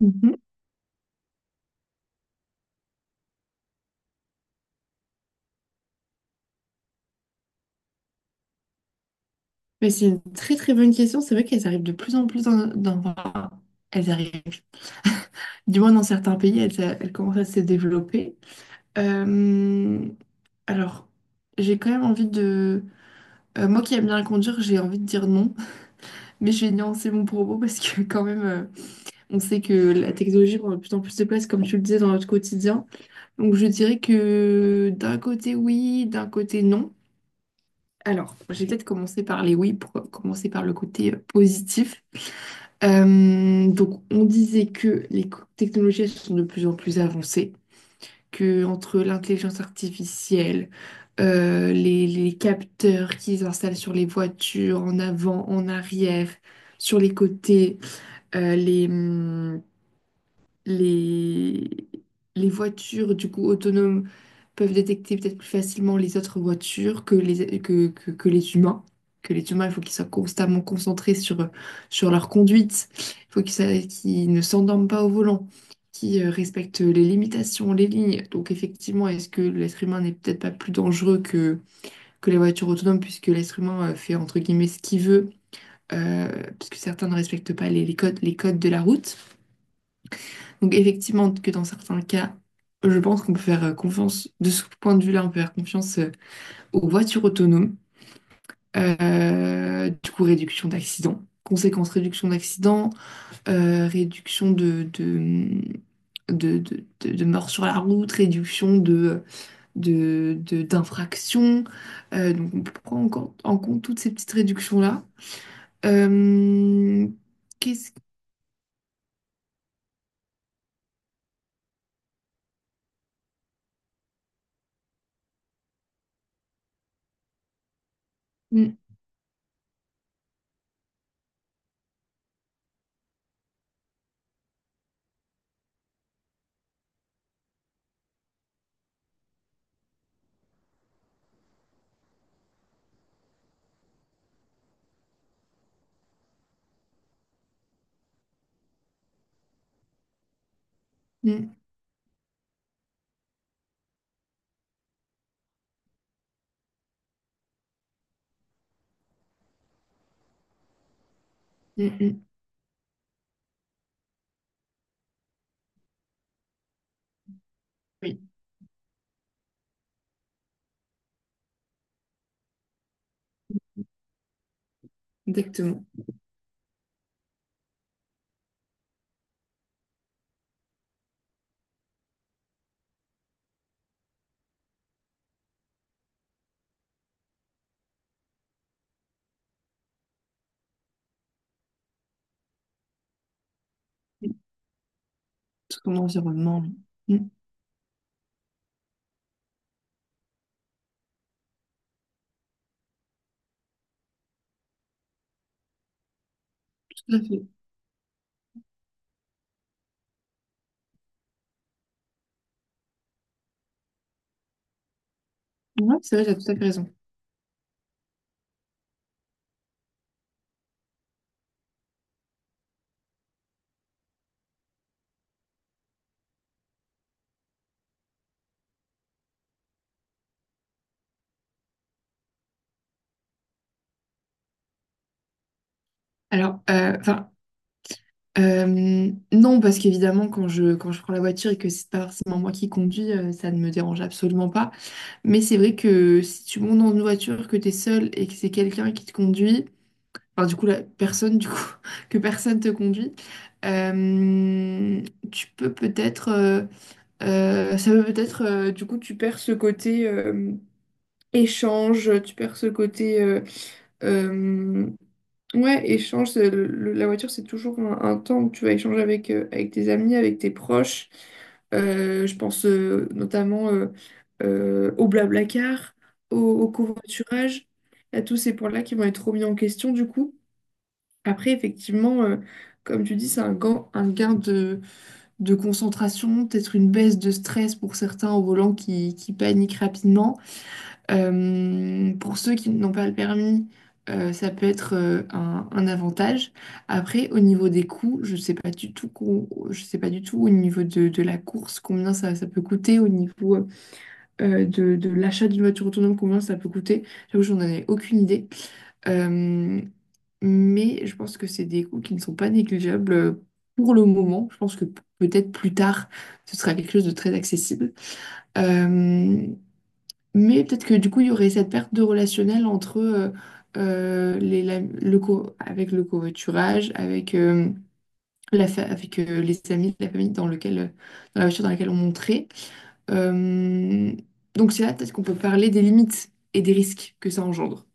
Mhm. Mais c'est une très très bonne question. C'est vrai qu'elles arrivent de plus en plus dans, enfin, elles arrivent. Du moins dans certains pays, elles, elles commencent à se développer. Euh, alors, j'ai quand même envie de. Moi qui aime bien conduire, j'ai envie de dire non. Mais je vais nuancer mon propos parce que quand même, on sait que la technologie prend de plus en plus de place, comme tu le disais, dans notre quotidien. Donc je dirais que d'un côté oui, d'un côté non. Alors, j'ai peut-être commencé par les oui pour commencer par le côté positif. Donc, on disait que les technologies elles sont de plus en plus avancées, que entre l'intelligence artificielle, les capteurs qu'ils installent sur les voitures, en avant, en arrière, sur les côtés, euh, les, hum, les, les voitures du coup autonomes peuvent détecter peut-être plus facilement les autres voitures que les humains. Que les humains, il faut qu'ils soient constamment concentrés sur leur conduite. Il faut qu'ils ne s'endorment pas au volant, qu'ils respectent les limitations, les lignes. Donc effectivement, est-ce que l'être humain n'est peut-être pas plus dangereux que les voitures autonomes, puisque l'être humain fait entre guillemets ce qu'il veut, euh, puisque certains ne respectent pas les codes, les codes de la route. Donc effectivement que dans certains cas, je pense qu'on peut faire confiance, de ce point de vue-là, on peut faire confiance aux voitures autonomes, du coup réduction d'accidents, conséquence réduction d'accidents, réduction de morts sur la route, réduction d'infractions. Donc on prend en compte toutes ces petites réductions-là. Euh, qu'est-ce... Mm, mm, mm, mm. Oui, exactement. Tout mon environnement. Mm, tout à fait. Ouais, c'est vrai, t'as tout à fait raison. Alors, enfin, non, parce qu'évidemment, quand je prends la voiture et que c'est pas forcément moi qui conduis, ça ne me dérange absolument pas. Mais c'est vrai que si tu montes dans une voiture, que tu es seul et que c'est quelqu'un qui te conduit, enfin, du coup, la personne, du coup, que personne te conduit, euh, tu peux peut-être, ça peut peut-être, du coup, tu perds ce côté. Échange, tu perds ce côté... euh, ouais, échange, c'est la voiture, c'est toujours un temps où tu vas échanger avec tes amis, avec tes proches. Je pense notamment au Blablacar, au covoiturage, à tous ces points-là qui vont être remis en question du coup. Après, effectivement, comme tu dis, c'est un gain de concentration, peut-être une baisse de stress pour certains au volant qui paniquent rapidement. Pour ceux qui n'ont pas le permis, ça peut être un avantage. Après, au niveau des coûts, je ne sais pas du tout, je sais pas du tout au niveau de la course, combien ça peut coûter, au niveau de l'achat d'une voiture autonome, combien ça peut coûter. J'avoue, j'en ai aucune idée. Euh, mais je pense que c'est des coûts qui ne sont pas négligeables pour le moment. Je pense que peut-être plus tard, ce sera quelque chose de très accessible. Euh, mais peut-être que du coup, il y aurait cette perte de relationnel entre les, la- le co- avec le covoiturage, avec, les amis, la famille dans la voiture dans laquelle on montrait. Euh, donc c'est là peut-être qu'on peut parler des limites et des risques que ça engendre.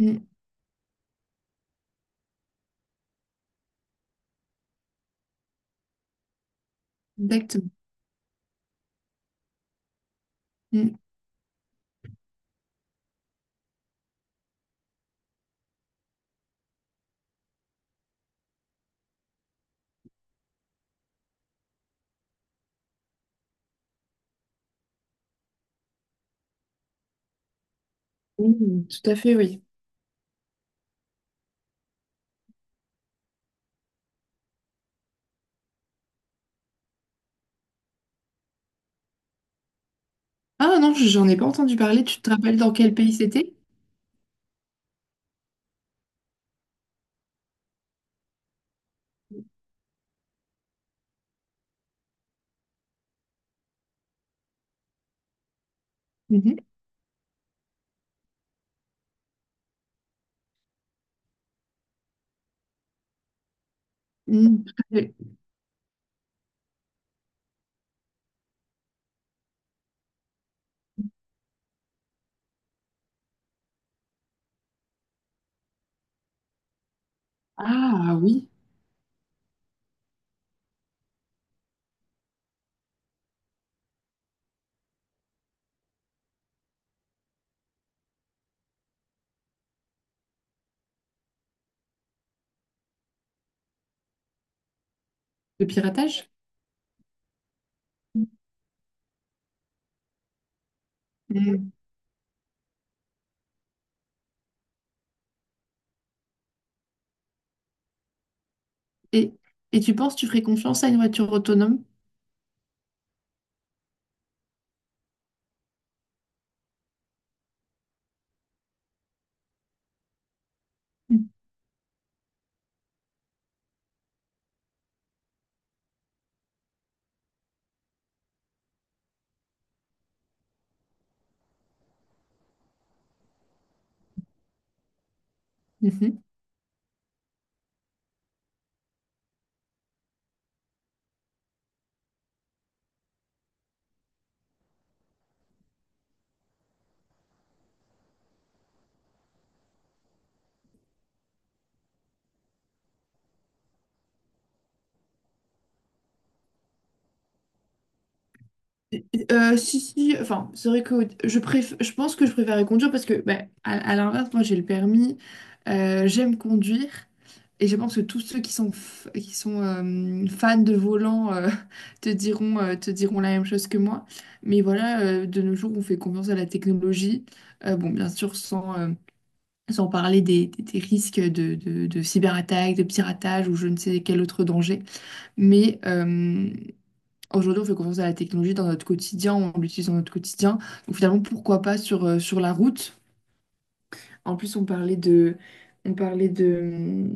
Mm, exactement. Mm, mm, tout à fait, oui. Ah non, j'en ai pas entendu parler. Tu te rappelles dans quel pays c'était? Mhm. Mm, tout à fait. Ah oui, le piratage? Et, et, tu penses que tu ferais confiance à une voiture autonome? Mhm. Si, si, enfin, c'est vrai que je pense que je préférais conduire parce que, ben, à l'inverse, moi j'ai le permis, j'aime conduire et je pense que tous ceux qui sont fans de volant te diront la même chose que moi. Mais voilà, de nos jours, on fait confiance à la technologie. Bon, bien sûr, sans parler des risques de cyberattaque, de piratage ou je ne sais quel autre danger. Mais aujourd'hui, on fait confiance à la technologie dans notre quotidien, on l'utilise dans notre quotidien. Donc finalement, pourquoi pas sur la route? En plus, on parlait de, on parlait de,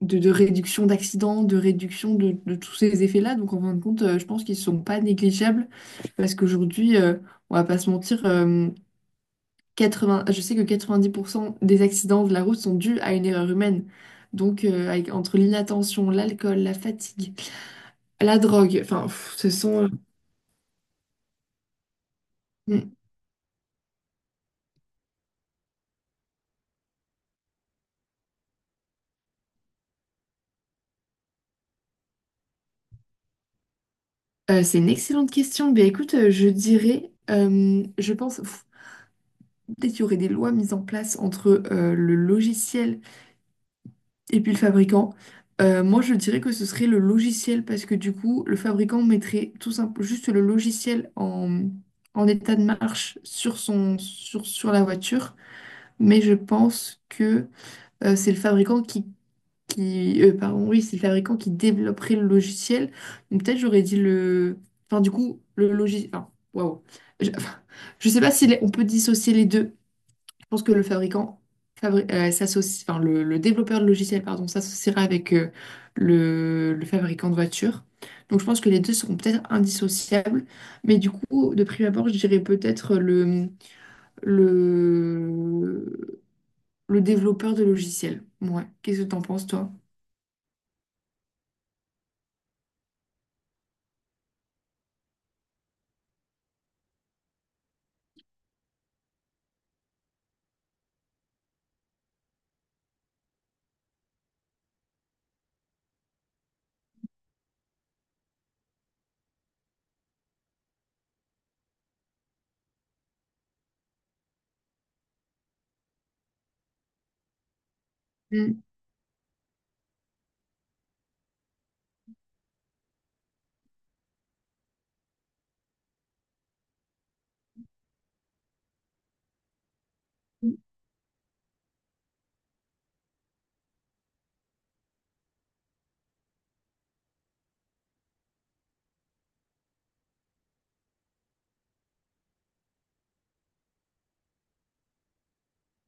de, de réduction d'accidents, de réduction de tous ces effets-là. Donc en fin de compte, je pense qu'ils ne sont pas négligeables parce qu'aujourd'hui, on va pas se mentir, 80, je sais que 90% des accidents de la route sont dus à une erreur humaine. Donc entre l'inattention, l'alcool, la fatigue, la drogue, enfin, pff, ce sont... euh, c'est une excellente question. Ben, écoute, je dirais, je pense, pff, peut-être qu'il y aurait des lois mises en place entre le logiciel et puis le fabricant. Moi, je dirais que ce serait le logiciel parce que du coup, le fabricant mettrait tout simple, juste le logiciel en état de marche sur la voiture. Mais je pense que c'est le fabricant pardon, oui, c'est le fabricant qui développerait le logiciel. Donc peut-être j'aurais dit enfin du coup le logiciel. Enfin, waouh. Enfin, je sais pas si on peut dissocier les deux. Je pense que le fabricant s'associe, enfin le développeur de logiciel, pardon, s'associera avec le fabricant de voiture. Donc je pense que les deux seront peut-être indissociables. Mais du coup, de prime abord, je dirais peut-être le, le développeur de logiciel. Ouais. Qu'est-ce que t'en penses, toi? Mm.